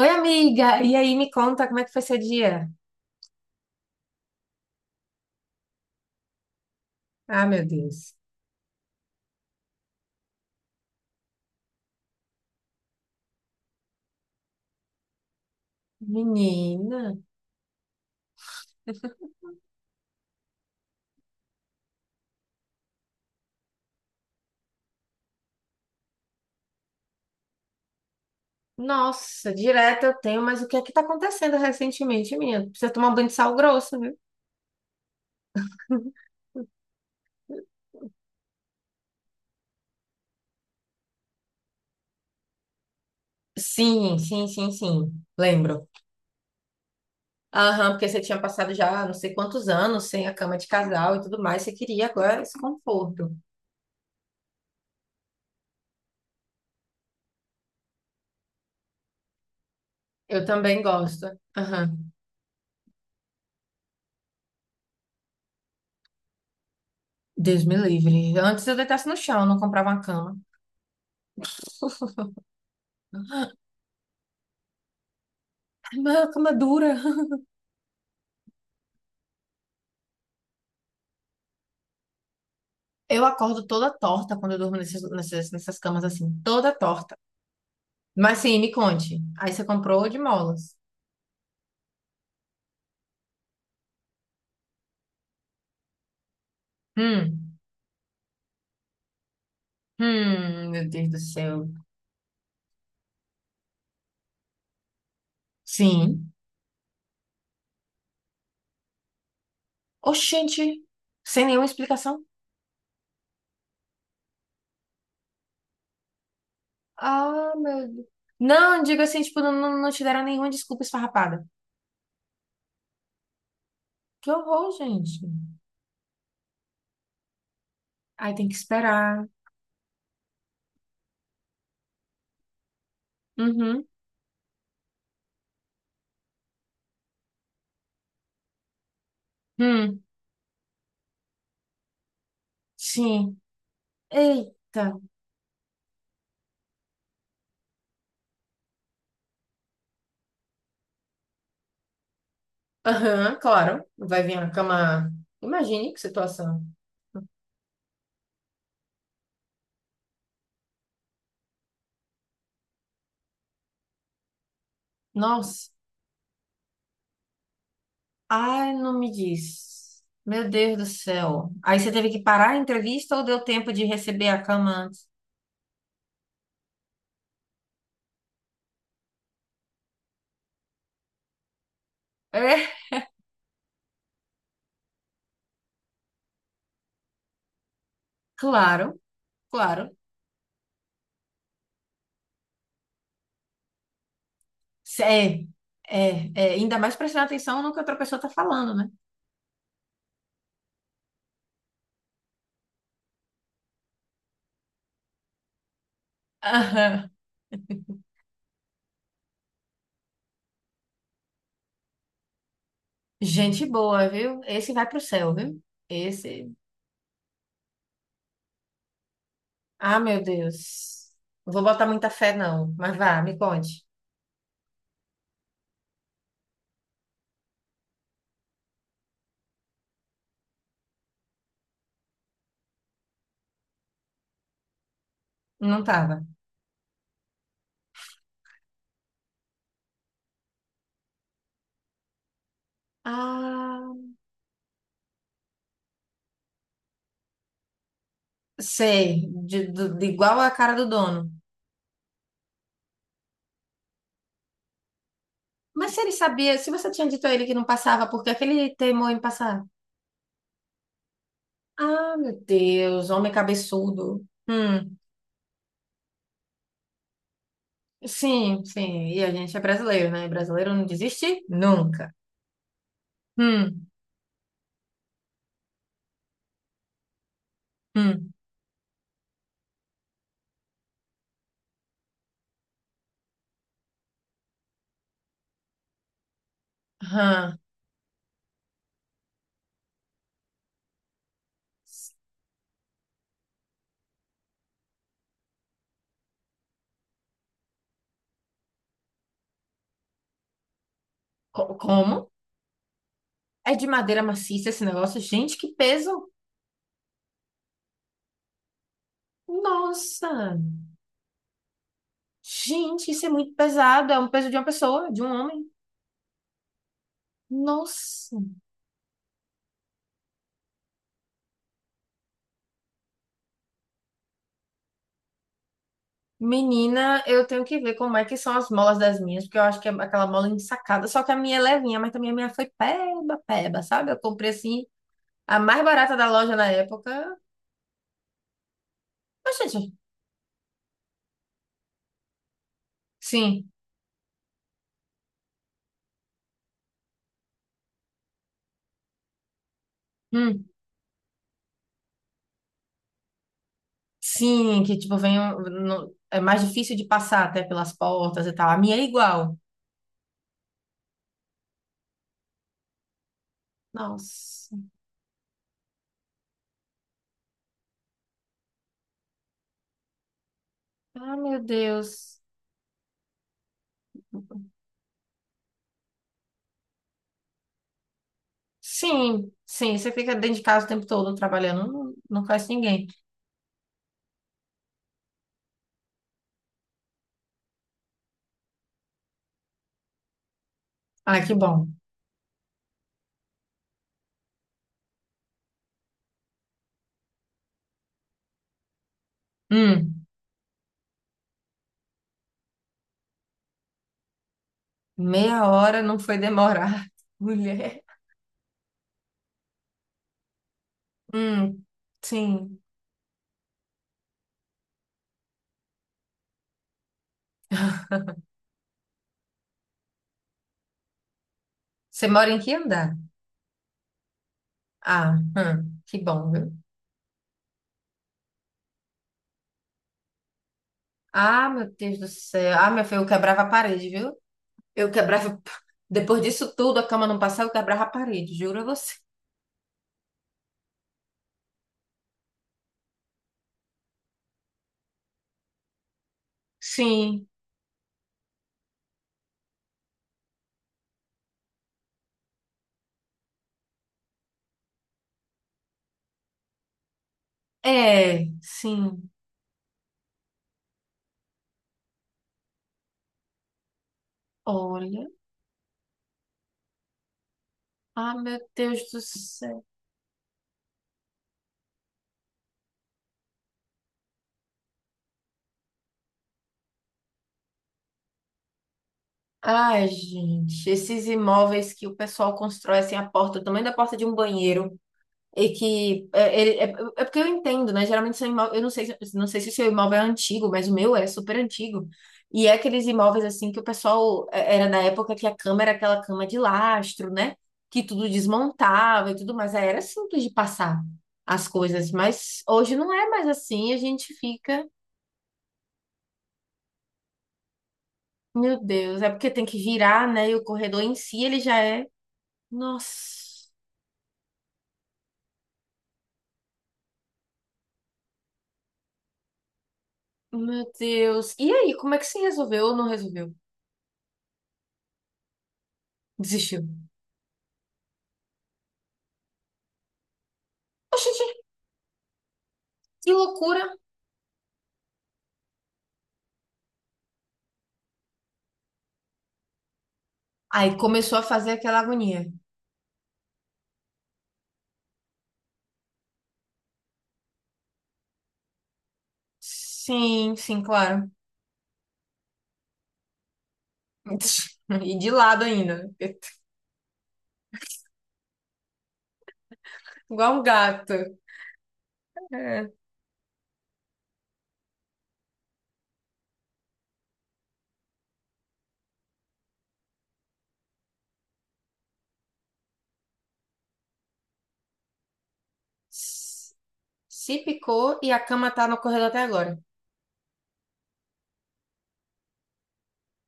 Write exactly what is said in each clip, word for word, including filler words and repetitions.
Oi, amiga! E aí, me conta como é que foi seu dia? Ah, meu Deus. Menina, nossa, direto eu tenho, mas o que é que tá acontecendo recentemente, menina? Precisa tomar um banho de sal grosso, viu? Sim, sim, sim, sim, lembro. Aham, porque você tinha passado já não sei quantos anos sem a cama de casal e tudo mais, você queria agora esse conforto. Eu também gosto. Aham. Deus me livre. Antes eu deitasse no chão, não comprava uma cama. Ah, mas a cama é dura. Eu acordo toda torta quando eu durmo nessas, nessas, nessas camas assim, toda torta. Mas sim, me conte. Aí você comprou de molas. Hum, hum, meu Deus do céu. Sim. Oxente, sem nenhuma explicação. Ah, meu Deus. Não, digo assim, tipo, não, não não te deram nenhuma desculpa esfarrapada. Que horror, gente. Aí tem que esperar. Uhum. Hum, sim. Eita. Aham, claro. Vai vir a cama. Imagine que situação. Nossa. Ai, não me diz. Meu Deus do céu. Aí você teve que parar a entrevista ou deu tempo de receber a cama antes? É, claro, claro. É, é, é. Ainda mais prestando atenção no que outra pessoa tá falando, né? Aham. Gente boa, viu? Esse vai pro céu, viu? Esse. Ah, meu Deus. Não vou botar muita fé, não. Mas vá, me conte. Não tava. Ah, sei. De, do- de igual a cara do dono. Mas se ele sabia, se você tinha dito a ele que não passava, por que é que ele teimou em passar? Ah, meu Deus, homem cabeçudo. Hum, sim, sim. E a gente é brasileiro, né? Brasileiro não desiste nunca. Hum, hum, hã. Co- Como? É de madeira maciça esse negócio? Gente, que peso! Nossa! Gente, isso é muito pesado. É um peso de uma pessoa, de um homem. Nossa! Menina, eu tenho que ver como é que são as molas das minhas, porque eu acho que é aquela mola ensacada, só que a minha é levinha, mas também a minha foi peba, peba, sabe? Eu comprei assim, a mais barata da loja na época. Mas, gente, sim, hum, sim, que tipo, vem, um- no- é mais difícil de passar até pelas portas e tal. A minha é igual. Nossa, ah, meu Deus. Sim, sim, você fica dentro de casa o tempo todo trabalhando, não, não conhece ninguém. Ah, que bom. Hum, meia hora não foi demorar, mulher. Hum, sim. Você mora em que andar? Ah, hum, que bom, viu? Ah, meu Deus do céu. Ah, meu filho, eu quebrava a parede, viu? Eu quebrava. Depois disso tudo, a cama não passava, eu quebrava a parede, juro a você. Sim, é, sim. Olha. Ah, meu Deus do céu. Ai, gente, esses imóveis que o pessoal constrói assim, a porta, o tamanho da porta de um banheiro. E que é, ele- é, é porque eu entendo, né? Geralmente são imóveis, eu não sei, se- não sei se o seu imóvel é antigo, mas o meu é super antigo. E é aqueles imóveis assim que o pessoal é, era na época que a cama era aquela cama de lastro, né? Que tudo desmontava e tudo mais. Aí era simples de passar as coisas, mas hoje não é mais assim. A gente fica, meu Deus, é porque tem que virar, né? E o corredor em si ele já é, nossa, meu Deus. E aí, como é que se resolveu ou não resolveu? Desistiu. Oxente, que loucura! Aí começou a fazer aquela agonia. Sim, sim, claro. E de lado ainda, igual um gato. É. S- Se picou e a cama tá no corredor até agora,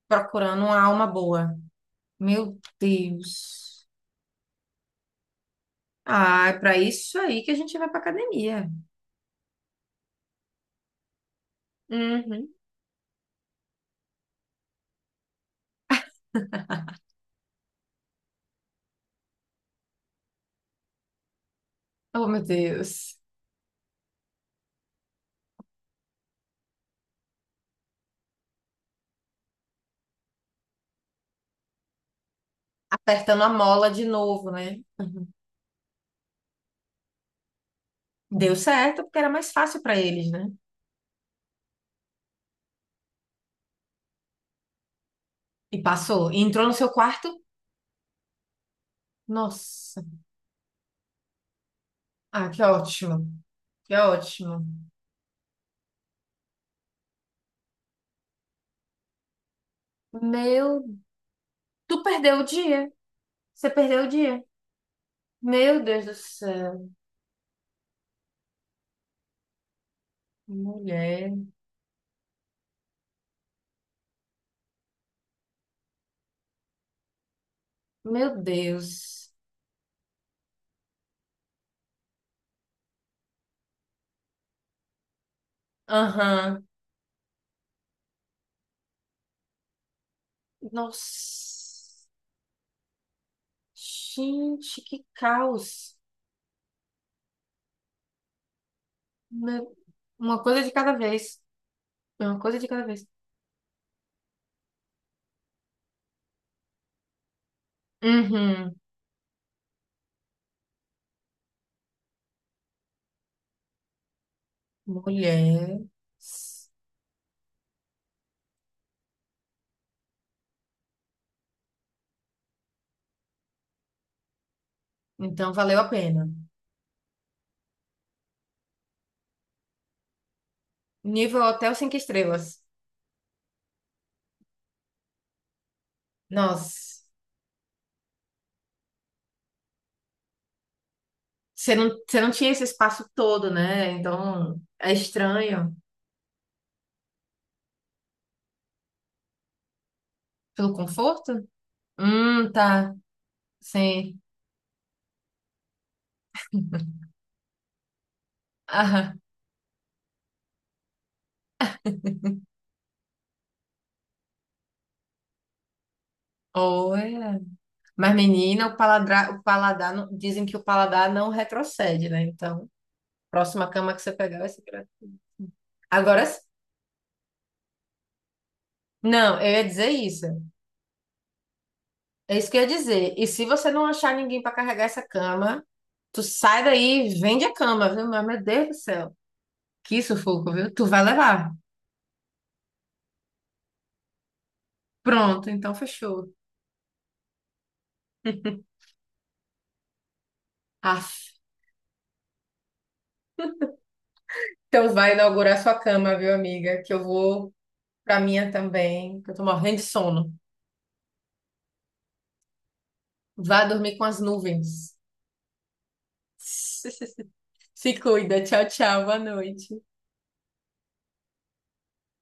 procurando uma alma boa. Meu Deus. Ah, é pra isso aí que a gente vai pra academia. Uhum. Oh, meu Deus. Apertando a mola de novo, né? Deu certo porque era mais fácil pra eles, né? E passou. E entrou no seu quarto. Nossa. Ah, que ótimo. Que ótimo. Meu, tu perdeu o dia. Você perdeu o dia. Meu Deus do céu. Mulher. Meu Deus. Aham. Nossa. Gente, que caos. Meu- Uma coisa de cada vez. Uma coisa de cada vez. Uhum. Mulher. Então valeu a pena. Nível hotel cinco estrelas. Nossa. Você não, você não tinha esse espaço todo, né? Então é estranho. Pelo conforto? Hum, tá. Sim. Aham. Olha. Mas, menina, o paladar, o paladar não- dizem que o paladar não retrocede, né? Então, próxima cama que você pegar vai ser pra... ti. Agora, s- não, eu ia dizer isso. É isso que eu ia dizer. E se você não achar ninguém para carregar essa cama, tu sai daí e vende a cama, viu? Mas, meu Deus do céu. Que sufoco, viu? Tu vai levar. Pronto, então fechou. Aff. Então vai inaugurar sua cama, viu, amiga? Que eu vou pra minha também, que eu tô morrendo de sono. Vá dormir com as nuvens. Se cuida. Tchau, tchau. Boa noite.